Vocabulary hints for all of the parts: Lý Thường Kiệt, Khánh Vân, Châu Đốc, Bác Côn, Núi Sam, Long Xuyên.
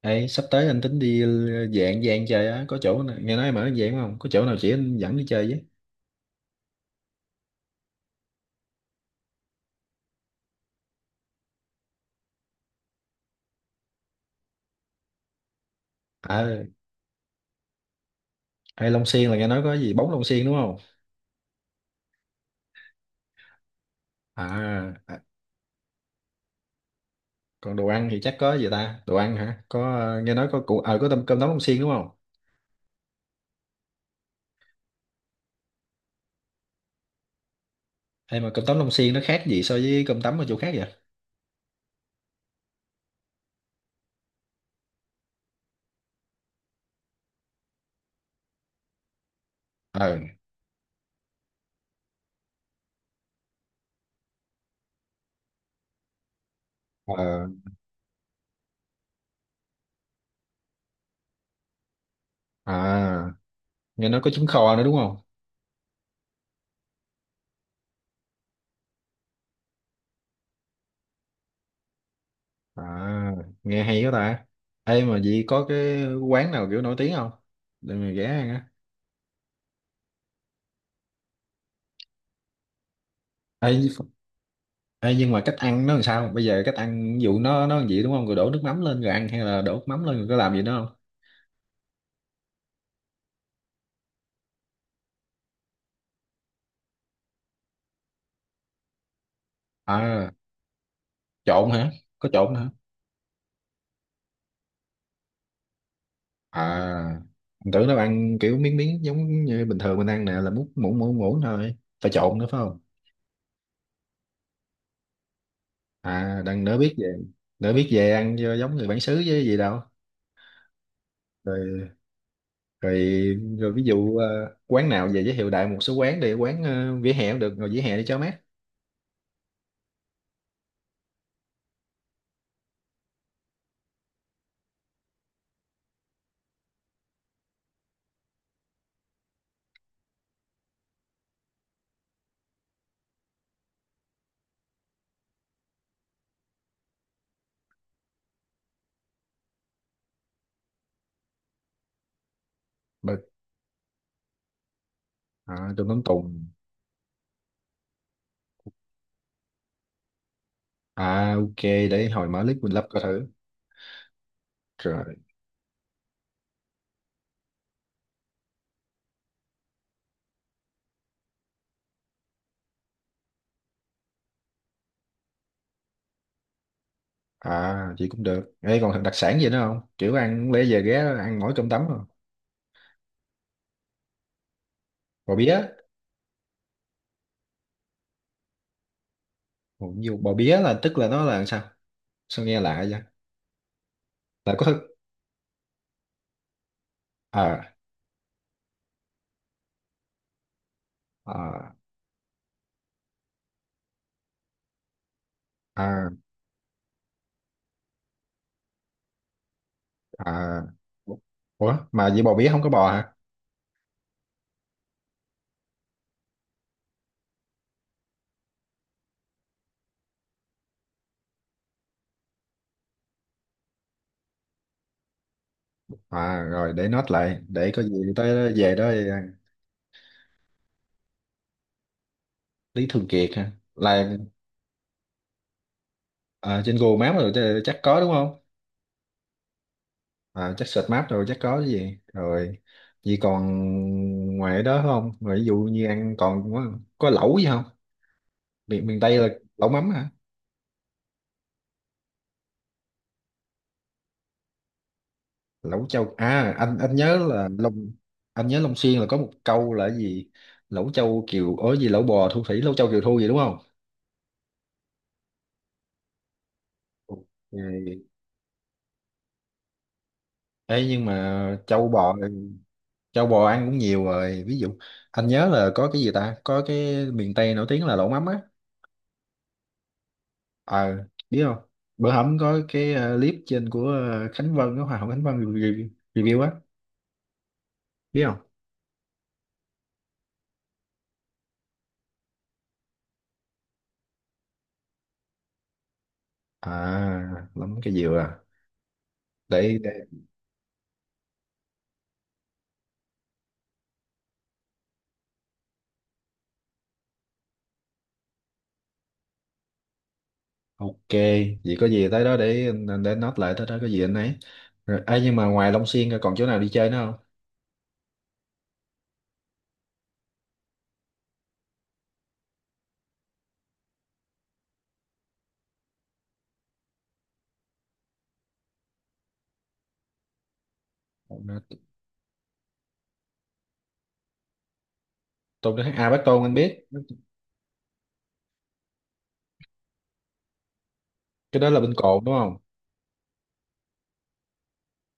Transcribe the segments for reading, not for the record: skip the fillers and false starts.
Ê, sắp tới anh tính đi dạng dạng chơi á, có chỗ nào, nghe nói em ở dạng không, có chỗ nào chỉ anh dẫn đi chơi với. À, hay Long Xuyên là nghe nói có gì bóng Long Xuyên đúng không? À, à còn đồ ăn thì chắc có gì ta, đồ ăn hả, có nghe nói có củ có tôm cơm tấm Long Xuyên đúng không? Hay mà cơm tấm Long Xuyên nó khác gì so với cơm tấm ở chỗ khác vậy? Ờ, ờ, à, nghe nói có trứng kho nữa đúng không? À, nghe hay quá ta. Ê, mà vậy có cái quán nào kiểu nổi tiếng không, để mình ghé ăn á? Ê, Ê, nhưng mà cách ăn nó làm sao, bây giờ cách ăn ví dụ nó làm gì đúng không, rồi đổ nước mắm lên rồi ăn, hay là đổ nước mắm lên rồi có làm gì nữa không? À, trộn hả? Có trộn hả? À, mình tưởng nó ăn kiểu miếng miếng giống như bình thường mình ăn nè, là múc muỗng muỗng muỗng thôi. Phải trộn nữa phải không? À, đang đỡ biết về. Đỡ biết về ăn cho giống người bản xứ với gì đâu. Rồi, rồi, rồi ví dụ quán nào về giới thiệu đại một số quán đi, quán vỉa hè cũng được, rồi vỉa hè đi cho mát. Bực. À, đường Long Tùng. À, ok, để hồi mở clip mình lắp coi thử. Rồi. À, chị cũng được ấy, còn đặc sản gì nữa không, kiểu ăn lẽ về ghé ăn mỗi cơm tấm rồi. Bò bía. Ủa, nhiều bò bía là tức là nó là sao, sao nghe lạ vậy? Là có. À, à, à, à. Ủa mà vậy bò bía không có bò hả? À, rồi để note lại để có gì tới về đó ăn. Lý Thường Kiệt hả, là à, trên Google Maps rồi chứ, chắc có đúng không? À, chắc search map rồi, chắc có cái gì rồi. Vậy còn ngoài đó không, rồi ví dụ như ăn còn có lẩu gì không? Miền miền Tây là lẩu mắm hả? Lẩu châu à, anh nhớ là Long, anh nhớ Long Xuyên là có một câu là cái gì, lẩu châu kiều ối gì, lẩu bò thu thủy, lẩu châu kiều thu gì đúng không? Ok. Ê, nhưng mà châu bò, châu bò ăn cũng nhiều rồi, ví dụ anh nhớ là có cái gì ta, có cái miền Tây nổi tiếng là lẩu mắm á. Ờ, biết không, bữa hổm có cái clip trên của Khánh Vân, cái Hoa hậu Khánh Vân review, review á, biết không? À, lắm cái gì à, để. Ok, vậy có gì tới đó để anh để note lại, tới đó có gì anh ấy. Rồi, ấy nhưng mà ngoài Long Xuyên ra còn chỗ nào đi chơi nữa không? Tôi nói à Bác Côn anh biết, cái đó là bên Cồn đúng không?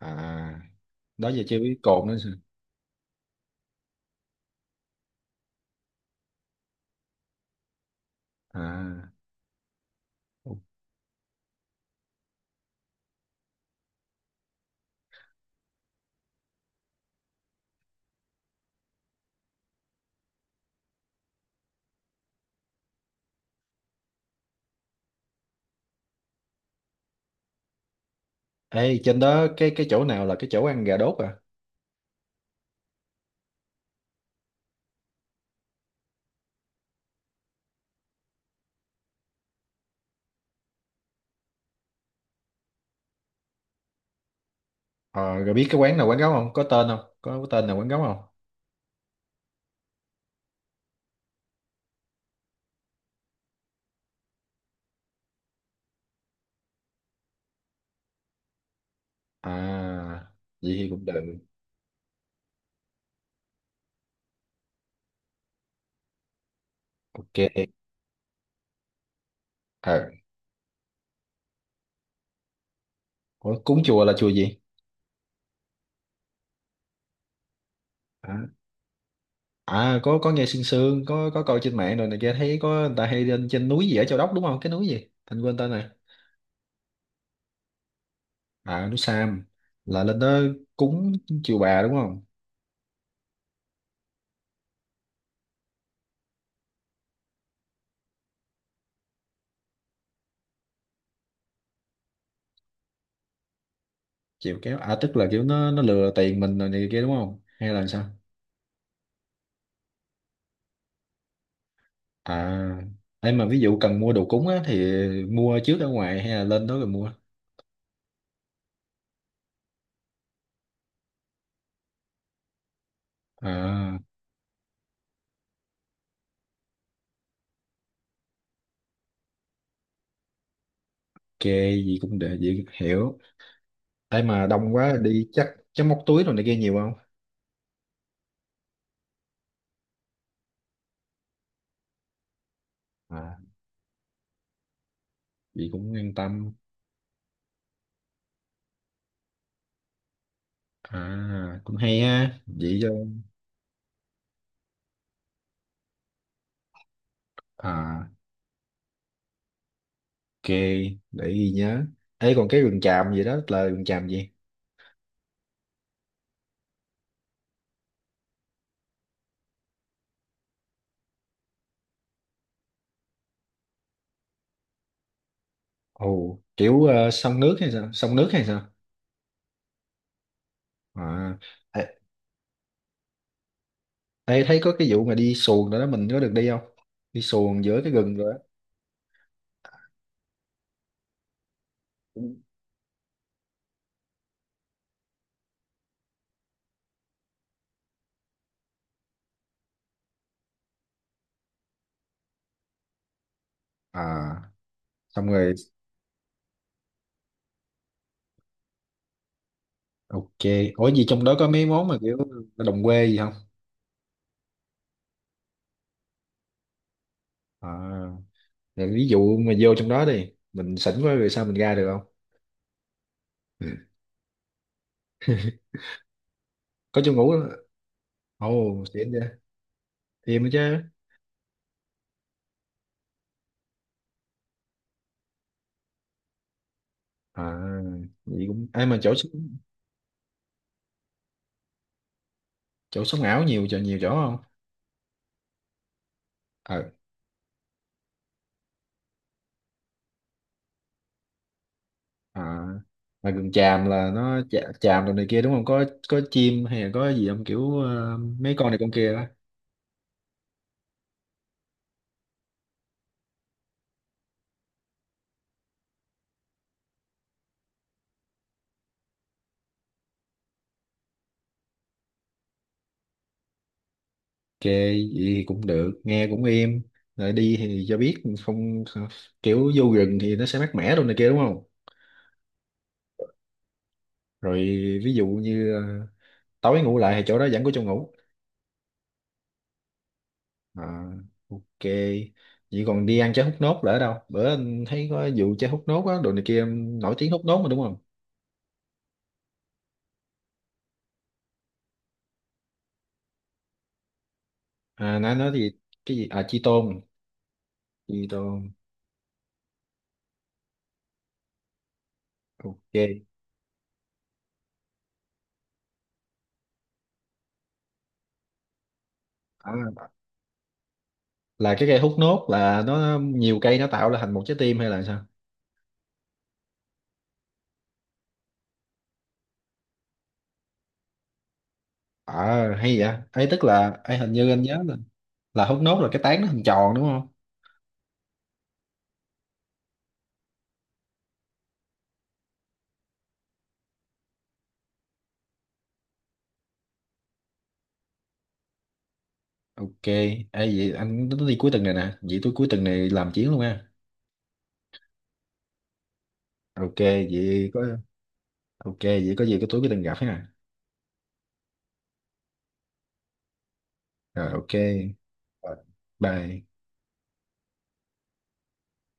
À, đó giờ chưa biết Cồn nữa. Sao? À. Ê, trên đó cái chỗ nào là cái chỗ ăn gà đốt à? Ờ, rồi biết cái quán nào quán gấu không? Có tên không? Có, cái tên nào quán gấu không? À, vậy thì cũng được. Ok. À, ủa, cúng chùa là chùa gì? À, à có nghe sương sương, có coi trên mạng rồi này kia, thấy có người ta hay lên trên núi gì ở Châu Đốc đúng không, cái núi gì thành quên tên này. À, núi Sam, là lên đó cúng chiều bà đúng không? Chiều kéo à, tức là kiểu nó lừa tiền mình rồi này kia đúng không, hay là sao? À, em mà ví dụ cần mua đồ cúng á, thì mua trước ở ngoài hay là lên đó rồi mua? À, ok, gì cũng để gì hiểu. Em mà đông quá đi, chắc chắc móc túi rồi này kia nhiều không? À, gì cũng an tâm. À, cũng hay ha vậy cho. À, ok, để ghi nhớ. Ê, còn cái rừng tràm gì đó là rừng tràm gì? Ồ, kiểu sông nước hay sao? Sông nước hay sao? À, ê, ê, thấy có cái vụ mà đi xuồng đó, đó mình có được đi không? Đi xuồng giữa cái rừng rồi á? À, xong rồi, ok. Ủa gì trong đó có mấy món mà kiểu đồng quê gì không? À, rồi ví dụ mà vô trong đó đi, mình sỉnh quá rồi sao mình ra được không? Ừ. Có chỗ ngủ đó. Ồ, xịn vậy. Thêm nữa chứ. À, vậy cũng... Ai mà chỗ, sống ảo nhiều chỗ, nhiều chỗ không? Ờ. À, mà gần Tràm là nó Trà- Tràm rồi này kia đúng không, có có chim hay là có gì không, kiểu mấy con này con kia đó, ok. Vậy thì cũng được, nghe cũng êm, rồi đi thì cho biết không, kiểu vô rừng thì nó sẽ mát mẻ rồi này kia đúng không? Rồi, ví dụ như tối ngủ lại thì chỗ đó vẫn có chỗ ngủ. À, ok, vậy còn đi ăn trái hút nốt là ở đâu, bữa anh thấy có vụ trái hút nốt á, đồ này kia, nổi tiếng hút nốt mà đúng không? À, nó nói gì, cái gì à, chi tôn. Keto. Ok. À, là cái cây hút nốt là nó nhiều cây nó tạo ra thành một trái tim hay là sao? À, hay vậy ấy, tức là ấy hình như anh nhớ là hút nốt là cái tán nó hình tròn đúng không? Ok, ấy vậy anh nó đi cuối tuần này nè, vậy tôi cuối tuần này làm chuyến luôn ha. Ok, vậy có, ok vậy có gì cái tối cuối tuần gặp ha. Rồi, ok. Rồi, bye.